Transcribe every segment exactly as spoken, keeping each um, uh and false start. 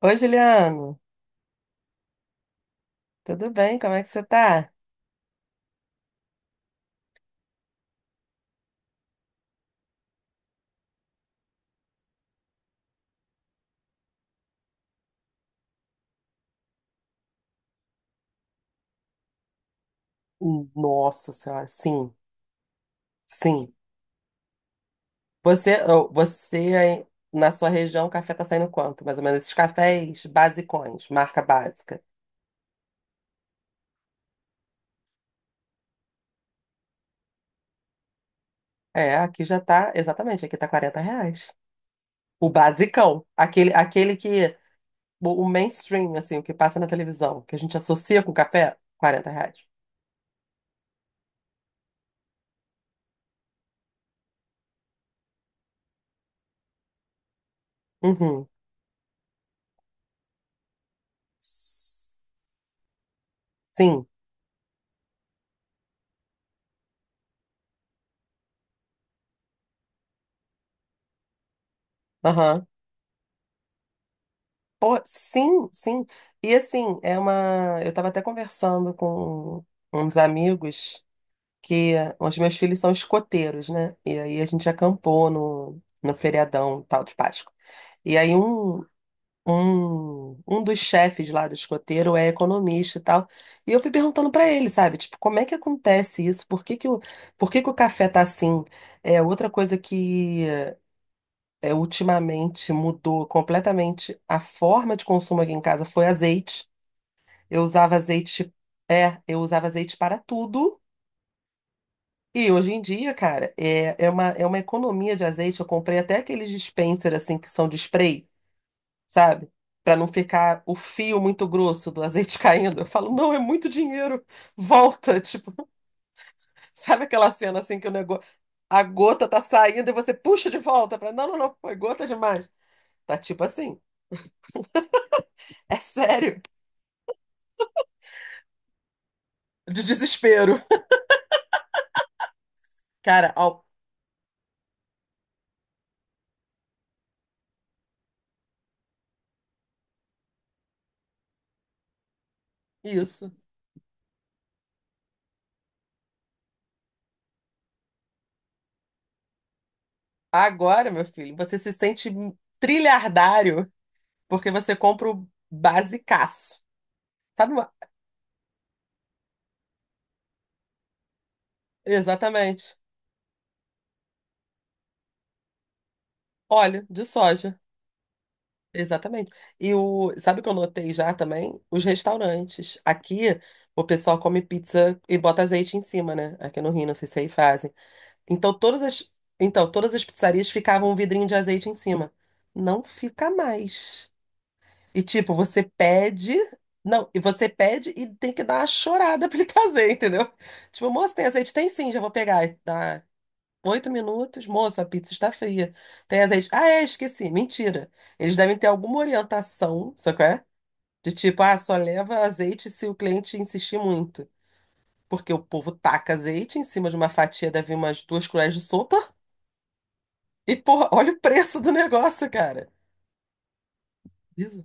Oi, Juliano. Tudo bem? Como é que você tá? Nossa Senhora, sim, sim. Você, oh, você aí, na sua região, o café tá saindo quanto? Mais ou menos esses cafés basicões, marca básica. É, aqui já tá, exatamente, aqui tá quarenta reais. O basicão, aquele, aquele que, o o mainstream, assim, o que passa na televisão, que a gente associa com café, quarenta reais. Uhum. S- Sim, aham. Pô, sim, sim. E assim, é uma. Eu estava até conversando com uns amigos que eh, os meus filhos são escoteiros, né? E aí a gente acampou no, no feriadão tal de Páscoa. E aí um, um, um dos chefes lá do escoteiro é economista e tal. E eu fui perguntando para ele, sabe? Tipo, como é que acontece isso? Por que que o, por que que o café tá assim? É outra coisa que é, ultimamente mudou completamente a forma de consumo aqui em casa foi azeite. Eu usava azeite, é, eu usava azeite para tudo. E hoje em dia, cara, é, é uma, é uma economia de azeite. Eu comprei até aqueles dispenser assim que são de spray, sabe? Para não ficar o fio muito grosso do azeite caindo. Eu falo, não, é muito dinheiro. Volta, tipo, sabe aquela cena assim que o negócio, a gota tá saindo e você puxa de volta para, não, não, não, foi gota demais. Tá tipo assim. É sério. De desespero. Cara, ó, isso. Agora, meu filho, você se sente trilhardário porque você compra o basicaço. Sabe? uma- Exatamente. Óleo de soja. Exatamente. E o, sabe o que eu notei já também? Os restaurantes. Aqui, o pessoal come pizza e bota azeite em cima, né? Aqui no Rio, não sei se aí fazem. Então, todas as, então, todas as pizzarias ficavam um vidrinho de azeite em cima. Não fica mais. E tipo, você pede. Não, e você pede e tem que dar uma chorada pra ele trazer, entendeu? Tipo, moço, tem azeite? Tem sim, já vou pegar. E dá oito minutos, moço, a pizza está fria. Tem azeite? Ah, é, esqueci. Mentira. Eles devem ter alguma orientação, sabe qual é? De tipo, ah, só leva azeite se o cliente insistir muito. Porque o povo taca azeite em cima de uma fatia, deve umas duas colheres de sopa. E, porra, olha o preço do negócio, cara. Isso.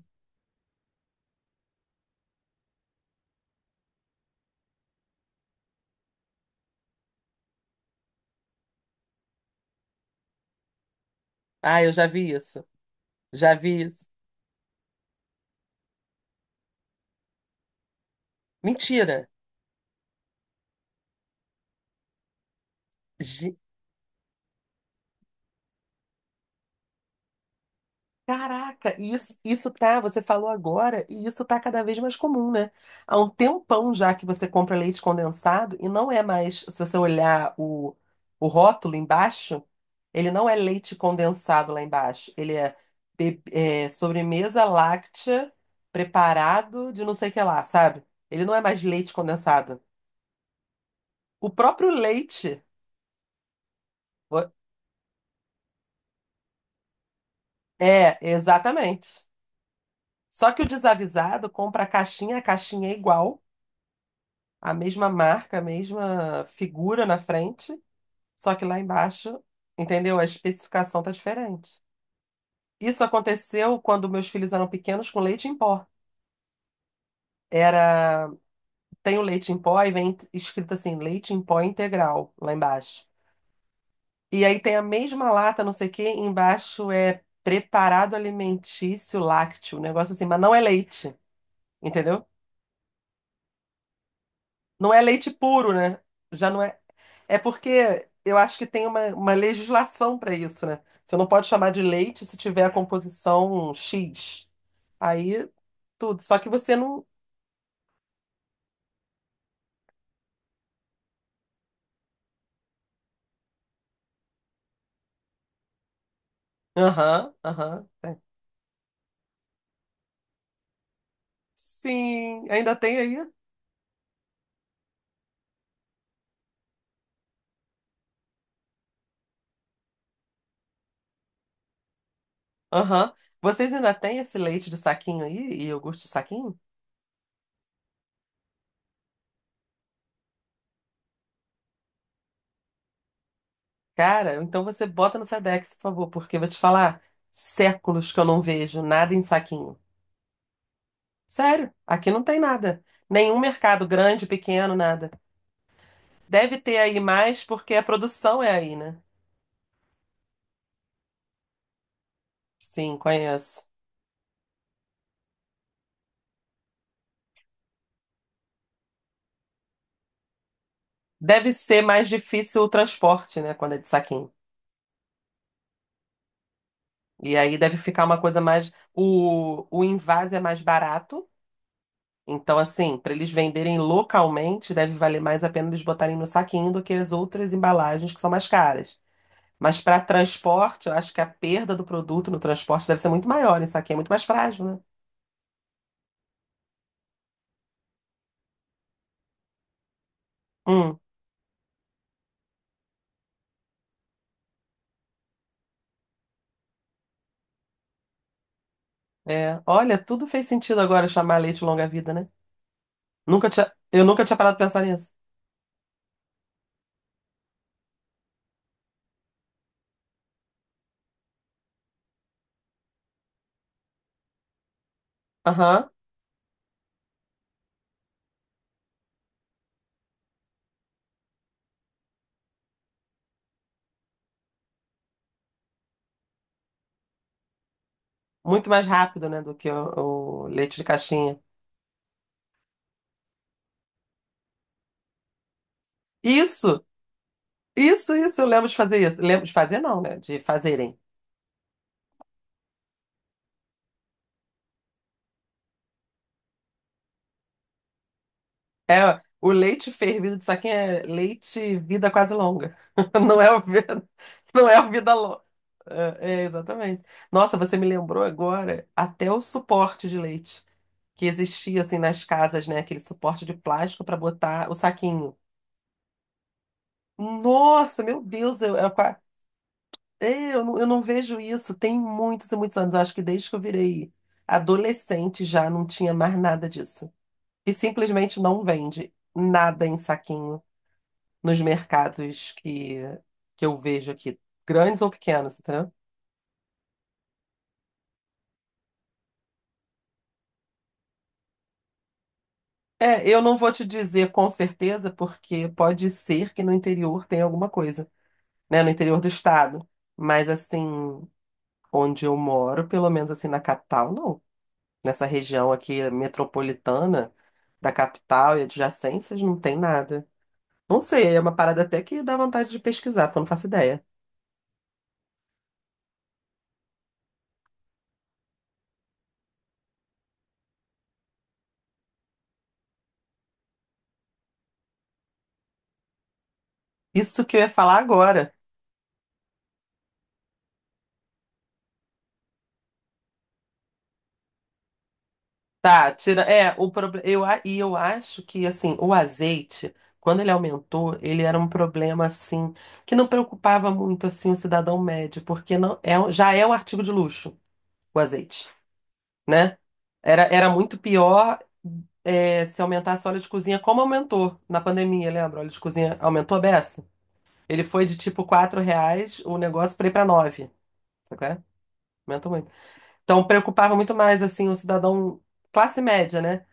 Ah, eu já vi isso. Já vi isso. Mentira. Caraca, e isso, isso tá, você falou agora, e isso tá cada vez mais comum, né? Há um tempão já que você compra leite condensado e não é mais. Se você olhar o, o rótulo embaixo, ele não é leite condensado lá embaixo, ele é, be- é, sobremesa láctea, preparado de não sei o que lá, sabe? Ele não é mais leite condensado. O próprio leite vo- é, exatamente. Só que o desavisado compra a caixinha, a caixinha é igual, a mesma marca, a mesma figura na frente, só que lá embaixo, entendeu? A especificação tá diferente. Isso aconteceu quando meus filhos eram pequenos, com leite em pó. Era, tem o leite em pó e vem escrito assim, leite em pó integral lá embaixo. E aí tem a mesma lata, não sei o quê, embaixo é preparado alimentício lácteo, um negócio assim, mas não é leite, entendeu? Não é leite puro, né? Já não é. É porque eu acho que tem uma, uma legislação para isso, né? Você não pode chamar de leite se tiver a composição X. Aí tudo. Só que você não. Aham, aham. Sim, ainda tem aí? Aham. Vocês ainda têm esse leite de saquinho aí? E iogurte de saquinho? Cara, então você bota no Sedex, por favor, porque eu vou te falar, séculos que eu não vejo nada em saquinho. Sério, aqui não tem nada. Nenhum mercado grande, pequeno, nada. Deve ter aí mais porque a produção é aí, né? Sim, conheço. Deve ser mais difícil o transporte, né, quando é de saquinho. E aí deve ficar uma coisa mais. O, o envase é mais barato. Então, assim, para eles venderem localmente, deve valer mais a pena eles botarem no saquinho do que as outras embalagens que são mais caras. Mas para transporte, eu acho que a perda do produto no transporte deve ser muito maior. Isso aqui é muito mais frágil, né? Hum, é. Olha, tudo fez sentido agora chamar leite longa-vida, né? Nunca tinha, eu nunca tinha parado de pensar nisso. Aham. Muito mais rápido, né, do que o, o leite de caixinha. Isso, isso, isso, eu lembro de fazer isso. Lembro de fazer, não, né? De fazerem. É, o leite fervido de saquinho é leite vida quase longa. Não é o vida, não é o vida longa. É, é, exatamente. Nossa, você me lembrou agora até o suporte de leite que existia assim nas casas, né? Aquele suporte de plástico para botar o saquinho. Nossa, meu Deus, eu, eu, é, eu não, eu não vejo isso. Tem muitos e muitos anos. Eu acho que desde que eu virei adolescente já não tinha mais nada disso. E simplesmente não vende nada em saquinho nos mercados que, que eu vejo aqui, grandes ou pequenos, entendeu? É, eu não vou te dizer com certeza, porque pode ser que no interior tenha alguma coisa, né? No interior do estado. Mas assim, onde eu moro, pelo menos assim na capital, não. Nessa região aqui metropolitana da capital e adjacências, não tem nada. Não sei, é uma parada até que dá vontade de pesquisar, porque eu não faço ideia. Isso que eu ia falar agora. Tá, tira. É, o problema. Eu, a- e eu acho que, assim, o azeite, quando ele aumentou, ele era um problema, assim, que não preocupava muito, assim, o cidadão médio, porque não é, um- já é um artigo de luxo, o azeite, né? Era, era muito pior é, se aumentasse o óleo de cozinha, como aumentou na pandemia, lembra? O óleo de cozinha aumentou a beça. Ele foi de tipo quatro reais o negócio, para ir para nove. Sabe qual é? Aumentou muito. Então preocupava muito mais assim o cidadão classe média, né?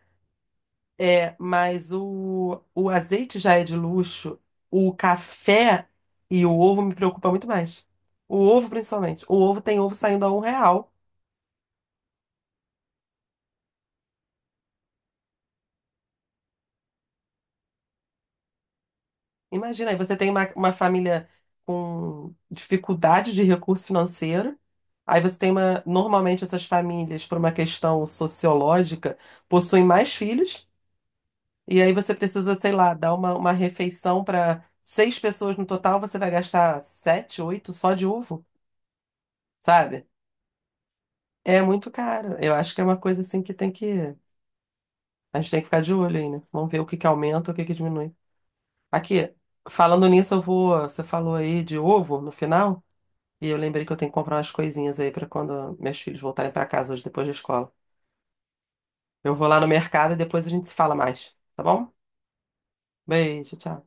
É, mas o, o azeite já é de luxo, o café e o ovo me preocupa muito mais. O ovo, principalmente. O ovo tem ovo saindo a um real. Imagina, aí você tem uma, uma família com dificuldade de recurso financeiro, aí você tem uma. Normalmente, essas famílias, por uma questão sociológica, possuem mais filhos, e aí você precisa, sei lá, dar uma, uma refeição para seis pessoas no total, você vai gastar sete, oito só de ovo, sabe? É muito caro. Eu acho que é uma coisa assim que tem que. A gente tem que ficar de olho aí, né? Vamos ver o que que aumenta, o que que diminui. Aqui, falando nisso, eu vou. Você falou aí de ovo no final. E eu lembrei que eu tenho que comprar umas coisinhas aí pra quando meus filhos voltarem pra casa hoje depois da escola. Eu vou lá no mercado e depois a gente se fala mais, tá bom? Beijo, tchau.